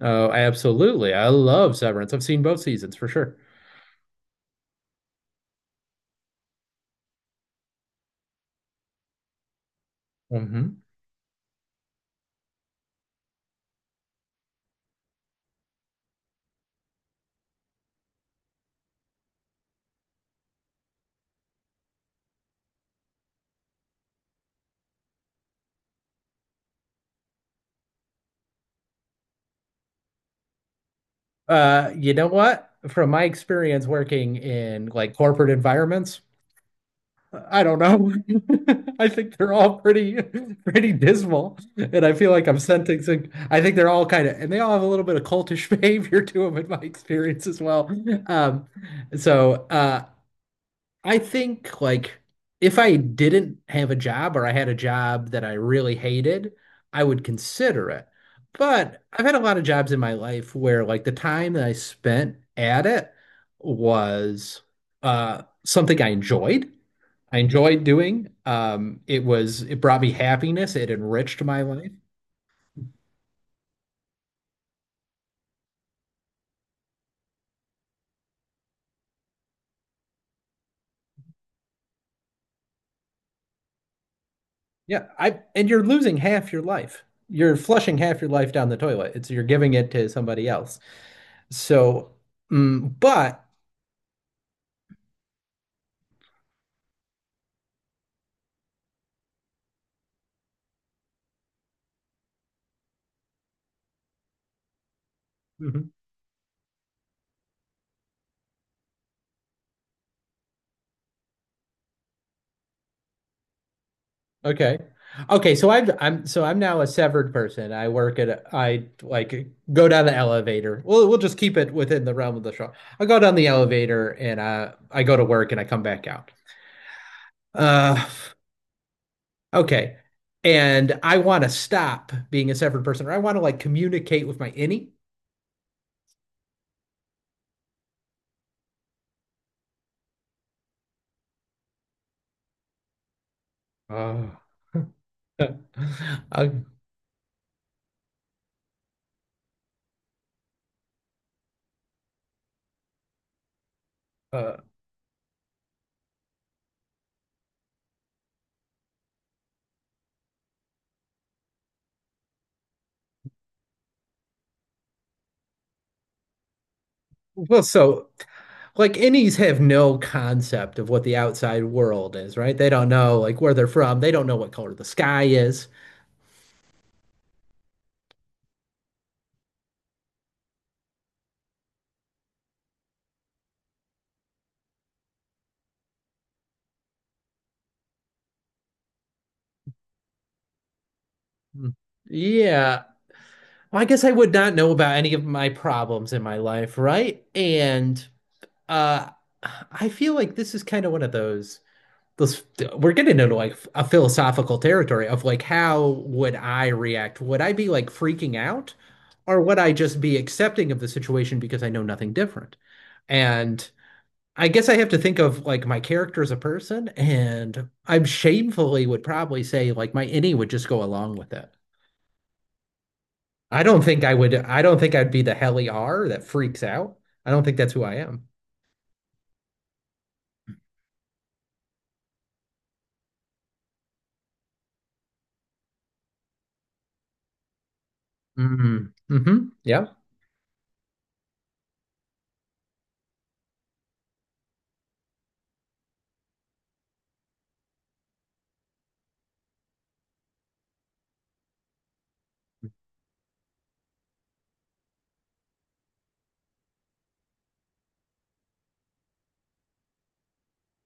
Oh, absolutely. I love Severance. I've seen both seasons for sure. hmm you know what? From my experience working in like corporate environments, I don't know. I think they're all pretty pretty dismal. And I feel like I'm sensing some- I think they're all kind of and they all have a little bit of cultish behavior to them in my experience as well. Um, so I think like if I didn't have a job or I had a job that I really hated, I would consider it. But I've had a lot of jobs in my life where like the time that I spent at it was something I enjoyed. I enjoyed doing. It was it brought me happiness, it enriched my life. Yeah, I and you're losing half your life. You're flushing half your life down the toilet. It's you're giving it to somebody else. So, mm, but mhm. Okay, okay. So I'm so I'm now a severed person. I work at a, I like go down the elevator. Well, we'll just keep it within the realm of the show. I go down the elevator and I go to work and I come back out. Uh, okay. And I want to stop being a severed person, or I want to like communicate with my innie. Oh. Uh, Uh, well, so like innies have no concept of what the outside world is, right? They don't know like where they're from. They don't know what color the sky is. Hmm. Yeah. Well, I guess I would not know about any of my problems in my life, right? And uh I feel like this is kind of one of those those we're getting into like a philosophical territory of like how would I react? Would I be like freaking out or would I just be accepting of the situation because I know nothing different? And I guess I have to think of like my character as a person, and I'm shamefully would probably say like my innie would just go along with it. I don't think I would. I don't think I'd be the Helly R that freaks out. I don't think that's who I am. Mm-hmm. Mm-hmm. Yeah.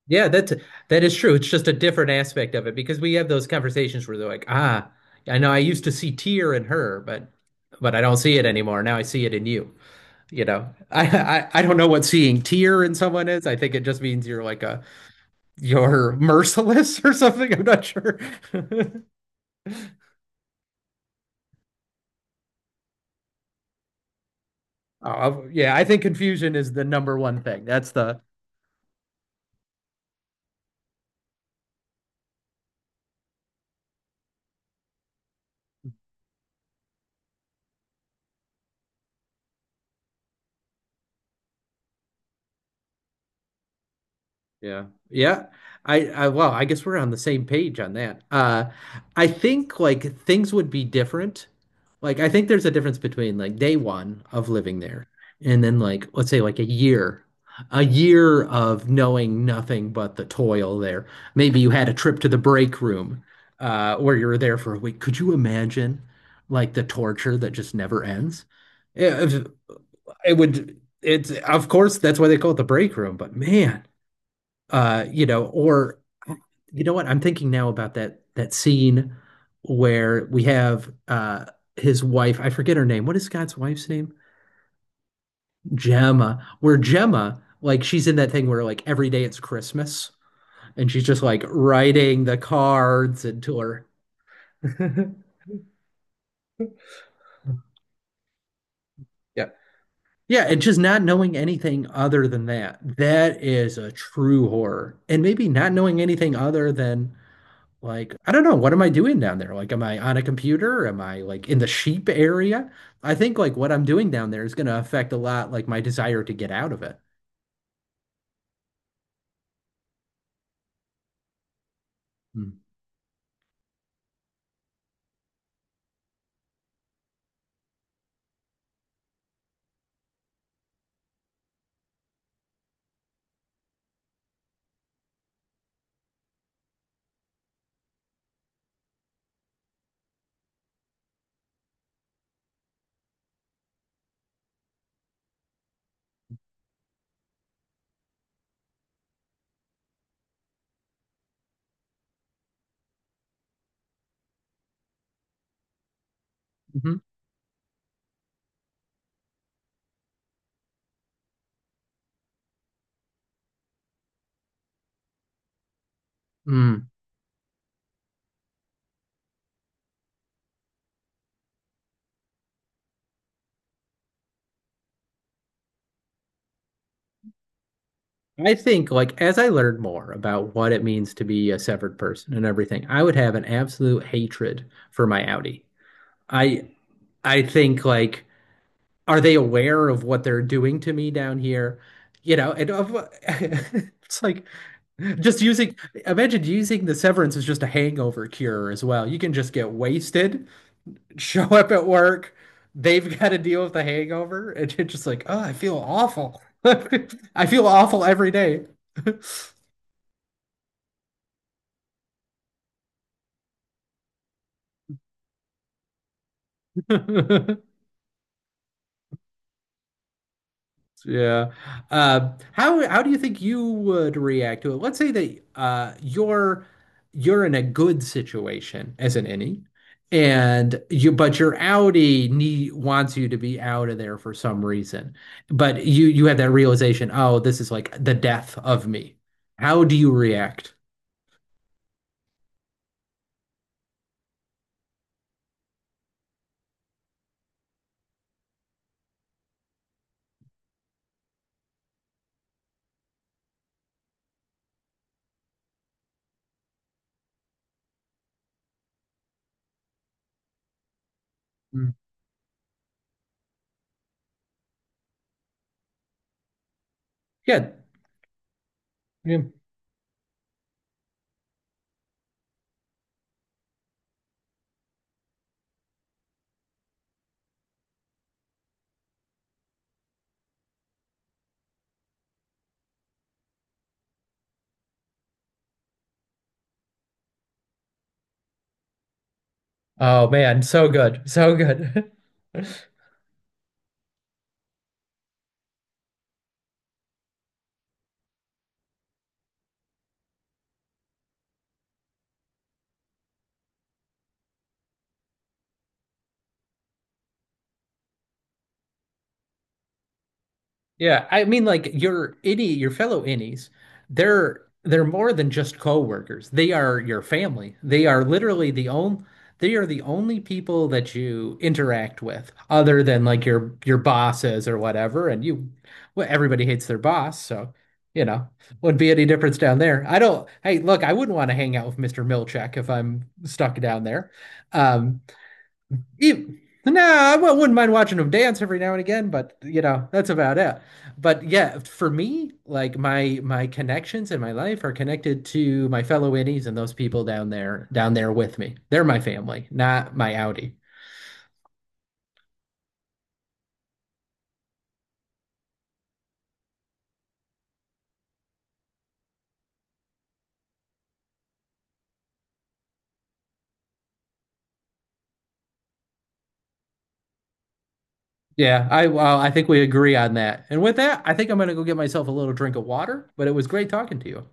Yeah, that's that is true. It's just a different aspect of it because we have those conversations where they're like, ah, I know I used to see tear in her, but I don't see it anymore. Now I see it in you. You know, I don't know what seeing tear in someone is. I think it just means you're like a you're merciless or something. I'm not sure. Oh, yeah, I think confusion is the number one thing. That's the Yeah. Yeah. I well, I guess we're on the same page on that. I think like things would be different. Like I think there's a difference between like day one of living there and then like let's say like a year. A year of knowing nothing but the toil there. Maybe you had a trip to the break room where you were there for a week. Could you imagine like the torture that just never ends? It, it's of course that's why they call it the break room, but man, you know, or you know what? I'm thinking now about that scene where we have his wife, I forget her name. What is Scott's wife's name? Gemma. Where Gemma, like she's in that thing where like every day it's Christmas and she's just like writing the cards into her. Yeah. Yeah, and just not knowing anything other than that. That is a true horror. And maybe not knowing anything other than like, I don't know, what am I doing down there? Like, am I on a computer? Am I like in the sheep area? I think like what I'm doing down there is going to affect a lot like my desire to get out of it. Mm-hmm. Mm. I think like as I learned more about what it means to be a severed person and everything, I would have an absolute hatred for my Audi. I I think like are they aware of what they're doing to me down here? You know, and of, it's like just using, imagine using the severance as just a hangover cure as well. You can just get wasted, show up at work, they've got to deal with the hangover, and you're just like, oh, I feel awful. I feel awful every day. Yeah. How do you think you would react to it? Let's say that you're in a good situation as an innie, and your Audi need, wants you to be out of there for some reason. But you have that realization, oh, this is like the death of me. How do you react? Mm. Good. Yeah. Oh man, so good, so good. Yeah, I mean, like your innie, your fellow innies, they're more than just coworkers. They are your family. They are literally the only they are the only people that you interact with, other than like your bosses or whatever. And you, well, everybody hates their boss, so you know, wouldn't be any difference down there. I don't. Hey, look, I wouldn't want to hang out with Mr. Milchek if I'm stuck down there. Um, even, nah, I wouldn't mind watching them dance every now and again, but you know, that's about it. But yeah, for me, like my connections in my life are connected to my fellow innies and those people down there with me. They're my family, not my Audi. Yeah, I well, I think we agree on that. And with that, I think I'm gonna go get myself a little drink of water, but it was great talking to you.